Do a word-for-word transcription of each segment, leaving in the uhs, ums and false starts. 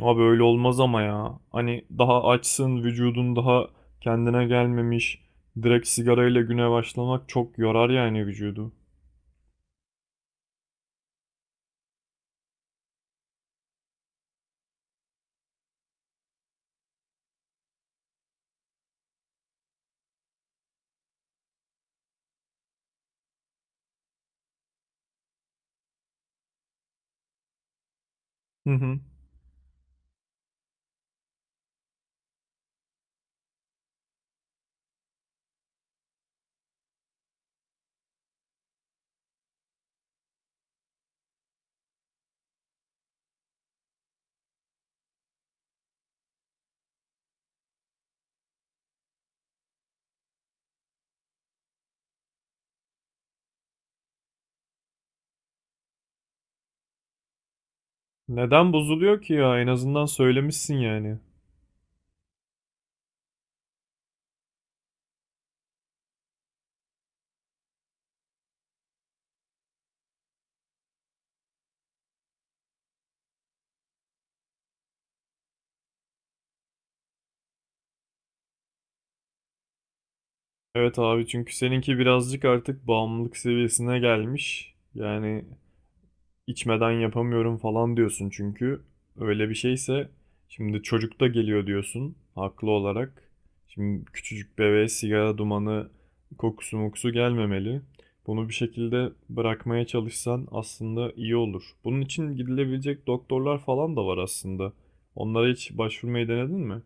Abi öyle olmaz ama ya. Hani daha açsın, vücudun daha kendine gelmemiş. Direkt sigarayla güne başlamak çok yorar yani vücudu. Hı hı. Neden bozuluyor ki ya? En azından söylemişsin yani. Evet abi çünkü seninki birazcık artık bağımlılık seviyesine gelmiş. Yani içmeden yapamıyorum falan diyorsun çünkü öyle bir şeyse şimdi çocuk da geliyor diyorsun haklı olarak. Şimdi küçücük bebeğe sigara dumanı kokusu mokusu gelmemeli. Bunu bir şekilde bırakmaya çalışsan aslında iyi olur. Bunun için gidilebilecek doktorlar falan da var aslında. Onlara hiç başvurmayı denedin mi?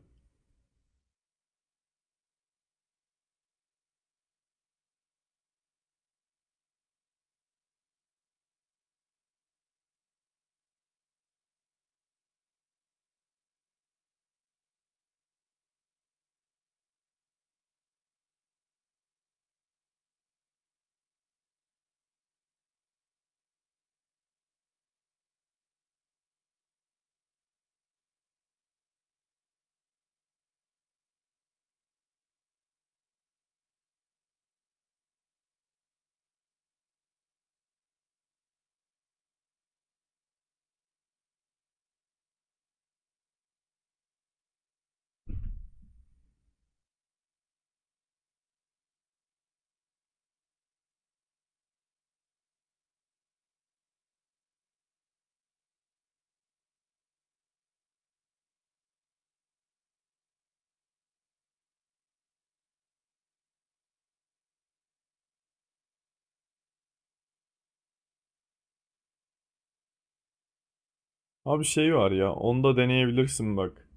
Abi şey var ya, onu da deneyebilirsin bak.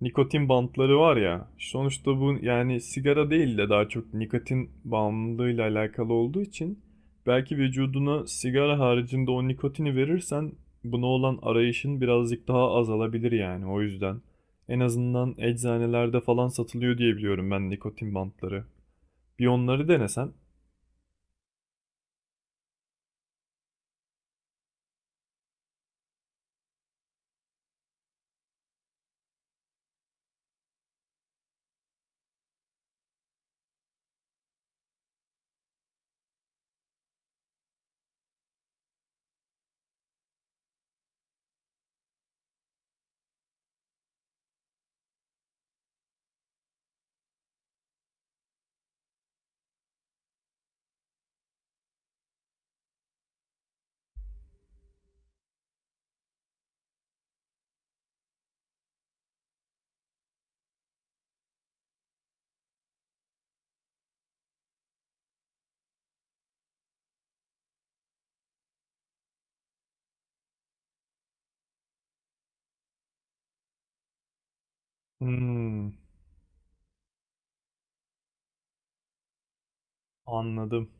Nikotin bantları var ya. Sonuçta bu yani sigara değil de daha çok nikotin bağımlılığıyla alakalı olduğu için belki vücuduna sigara haricinde o nikotini verirsen buna olan arayışın birazcık daha azalabilir yani o yüzden. En azından eczanelerde falan satılıyor diye biliyorum ben nikotin bantları. Bir onları denesen. Hmm, anladım.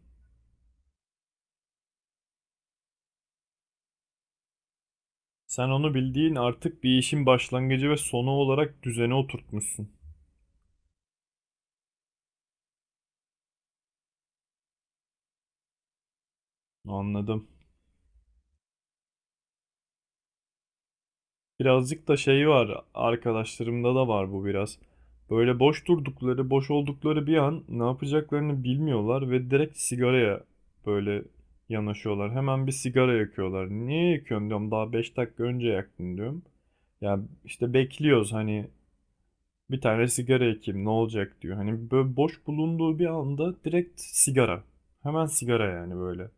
Sen onu bildiğin artık bir işin başlangıcı ve sonu olarak düzene oturtmuşsun. Anladım. Birazcık da şey var, arkadaşlarımda da var bu biraz. Böyle boş durdukları, boş oldukları bir an ne yapacaklarını bilmiyorlar ve direkt sigaraya böyle yanaşıyorlar. Hemen bir sigara yakıyorlar. Niye yakıyorsun diyorum, daha beş dakika önce yaktın diyorum. Ya işte bekliyoruz hani bir tane sigara yakayım ne olacak diyor. Hani böyle boş bulunduğu bir anda direkt sigara. Hemen sigara yani böyle.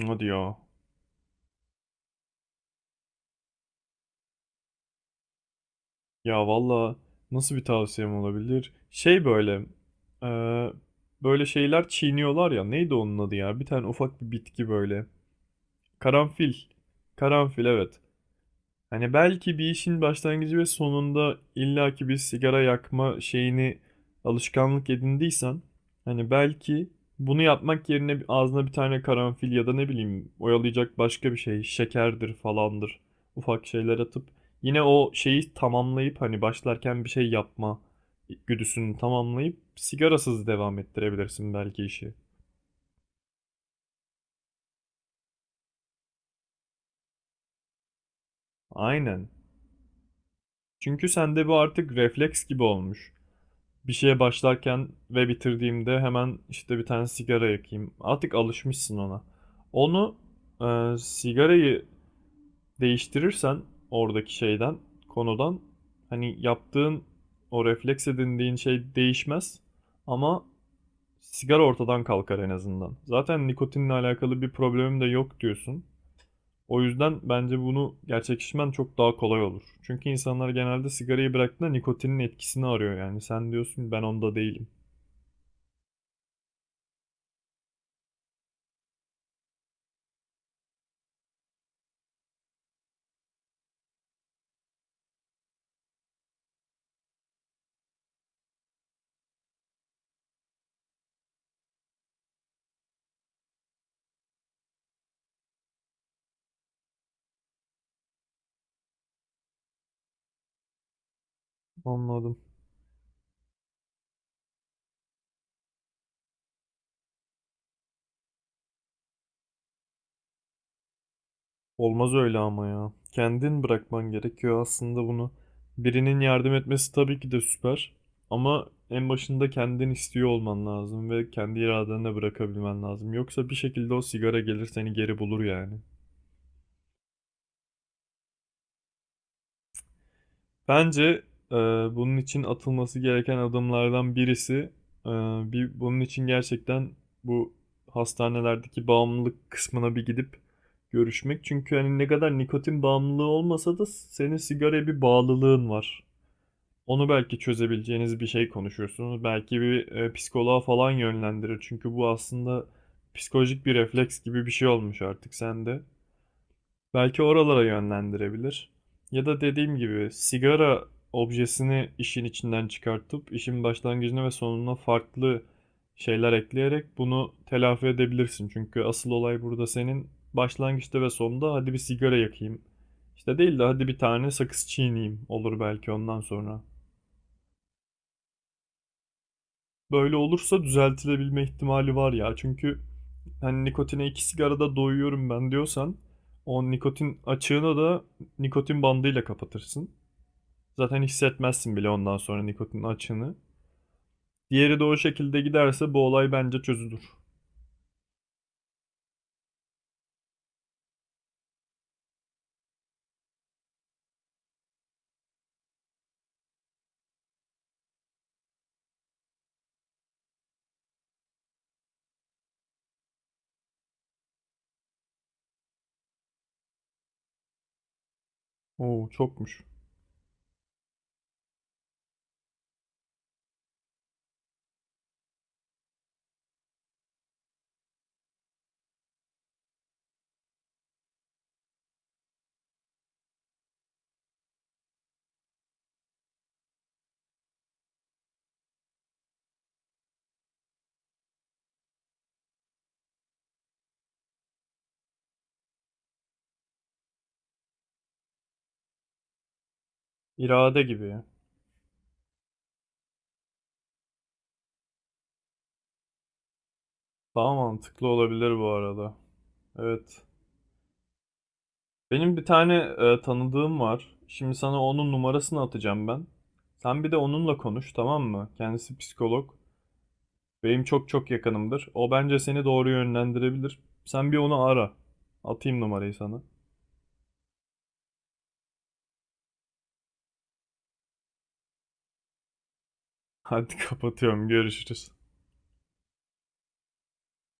Hadi diyor? Ya valla nasıl bir tavsiyem olabilir? Şey böyle e, böyle şeyler çiğniyorlar ya neydi onun adı ya? Bir tane ufak bir bitki böyle. Karanfil. Karanfil evet. Hani belki bir işin başlangıcı ve sonunda illaki bir sigara yakma şeyini alışkanlık edindiysen hani belki bunu yapmak yerine bir- ağzına bir tane karanfil ya da ne bileyim oyalayacak başka bir şey şekerdir falandır ufak şeyler atıp yine o şeyi tamamlayıp hani başlarken bir şey yapma güdüsünü tamamlayıp sigarasız devam ettirebilirsin belki işi. Aynen. Çünkü sende bu artık refleks gibi olmuş. Bir şeye başlarken ve bitirdiğimde hemen işte bir tane sigara yakayım. Artık alışmışsın ona. Onu e, sigarayı değiştirirsen oradaki şeyden, konudan hani yaptığın o refleks edindiğin şey değişmez ama sigara ortadan kalkar en azından. Zaten nikotinle alakalı bir problemim de yok diyorsun. O yüzden bence bunu gerçekleştirmen çok daha kolay olur. Çünkü insanlar genelde sigarayı bıraktığında nikotinin etkisini arıyor yani. Sen diyorsun ben onda değilim. Anladım. Olmaz öyle ama ya. Kendin bırakman gerekiyor aslında bunu. Birinin yardım etmesi tabii ki de süper. Ama en başında kendin istiyor olman lazım ve kendi iradenle bırakabilmen lazım. Yoksa bir şekilde o sigara gelir seni geri bulur yani. Bence e, bunun için atılması gereken adımlardan birisi e, bir bunun için gerçekten bu hastanelerdeki bağımlılık kısmına bir gidip görüşmek. Çünkü hani ne kadar nikotin bağımlılığı olmasa da senin sigaraya bir bağlılığın var. Onu belki çözebileceğiniz bir şey konuşursunuz. Belki bir e, psikoloğa falan yönlendirir. Çünkü bu aslında psikolojik bir refleks gibi bir şey olmuş artık sende. Belki oralara yönlendirebilir. Ya da dediğim gibi sigara objesini işin içinden çıkartıp işin başlangıcına ve sonuna farklı şeyler ekleyerek bunu telafi edebilirsin. Çünkü asıl olay burada senin başlangıçta ve sonunda hadi bir sigara yakayım. İşte değil de hadi bir tane sakız çiğneyim olur belki ondan sonra. Böyle olursa düzeltilebilme ihtimali var ya. Çünkü hani nikotine iki sigarada doyuyorum ben diyorsan o nikotin açığını da nikotin bandıyla kapatırsın. Zaten hissetmezsin bile ondan sonra nikotin açığını. Diğeri de o şekilde giderse bu olay bence çözülür. Oo çokmuş. İrade gibi. Daha mantıklı olabilir bu arada. Evet. Benim bir tane e, tanıdığım var. Şimdi sana onun numarasını atacağım ben. Sen bir de onunla konuş, tamam mı? Kendisi psikolog. Benim çok çok yakınımdır. O bence seni doğru yönlendirebilir. Sen bir onu ara. Atayım numarayı sana. Hadi kapatıyorum. Görüşürüz.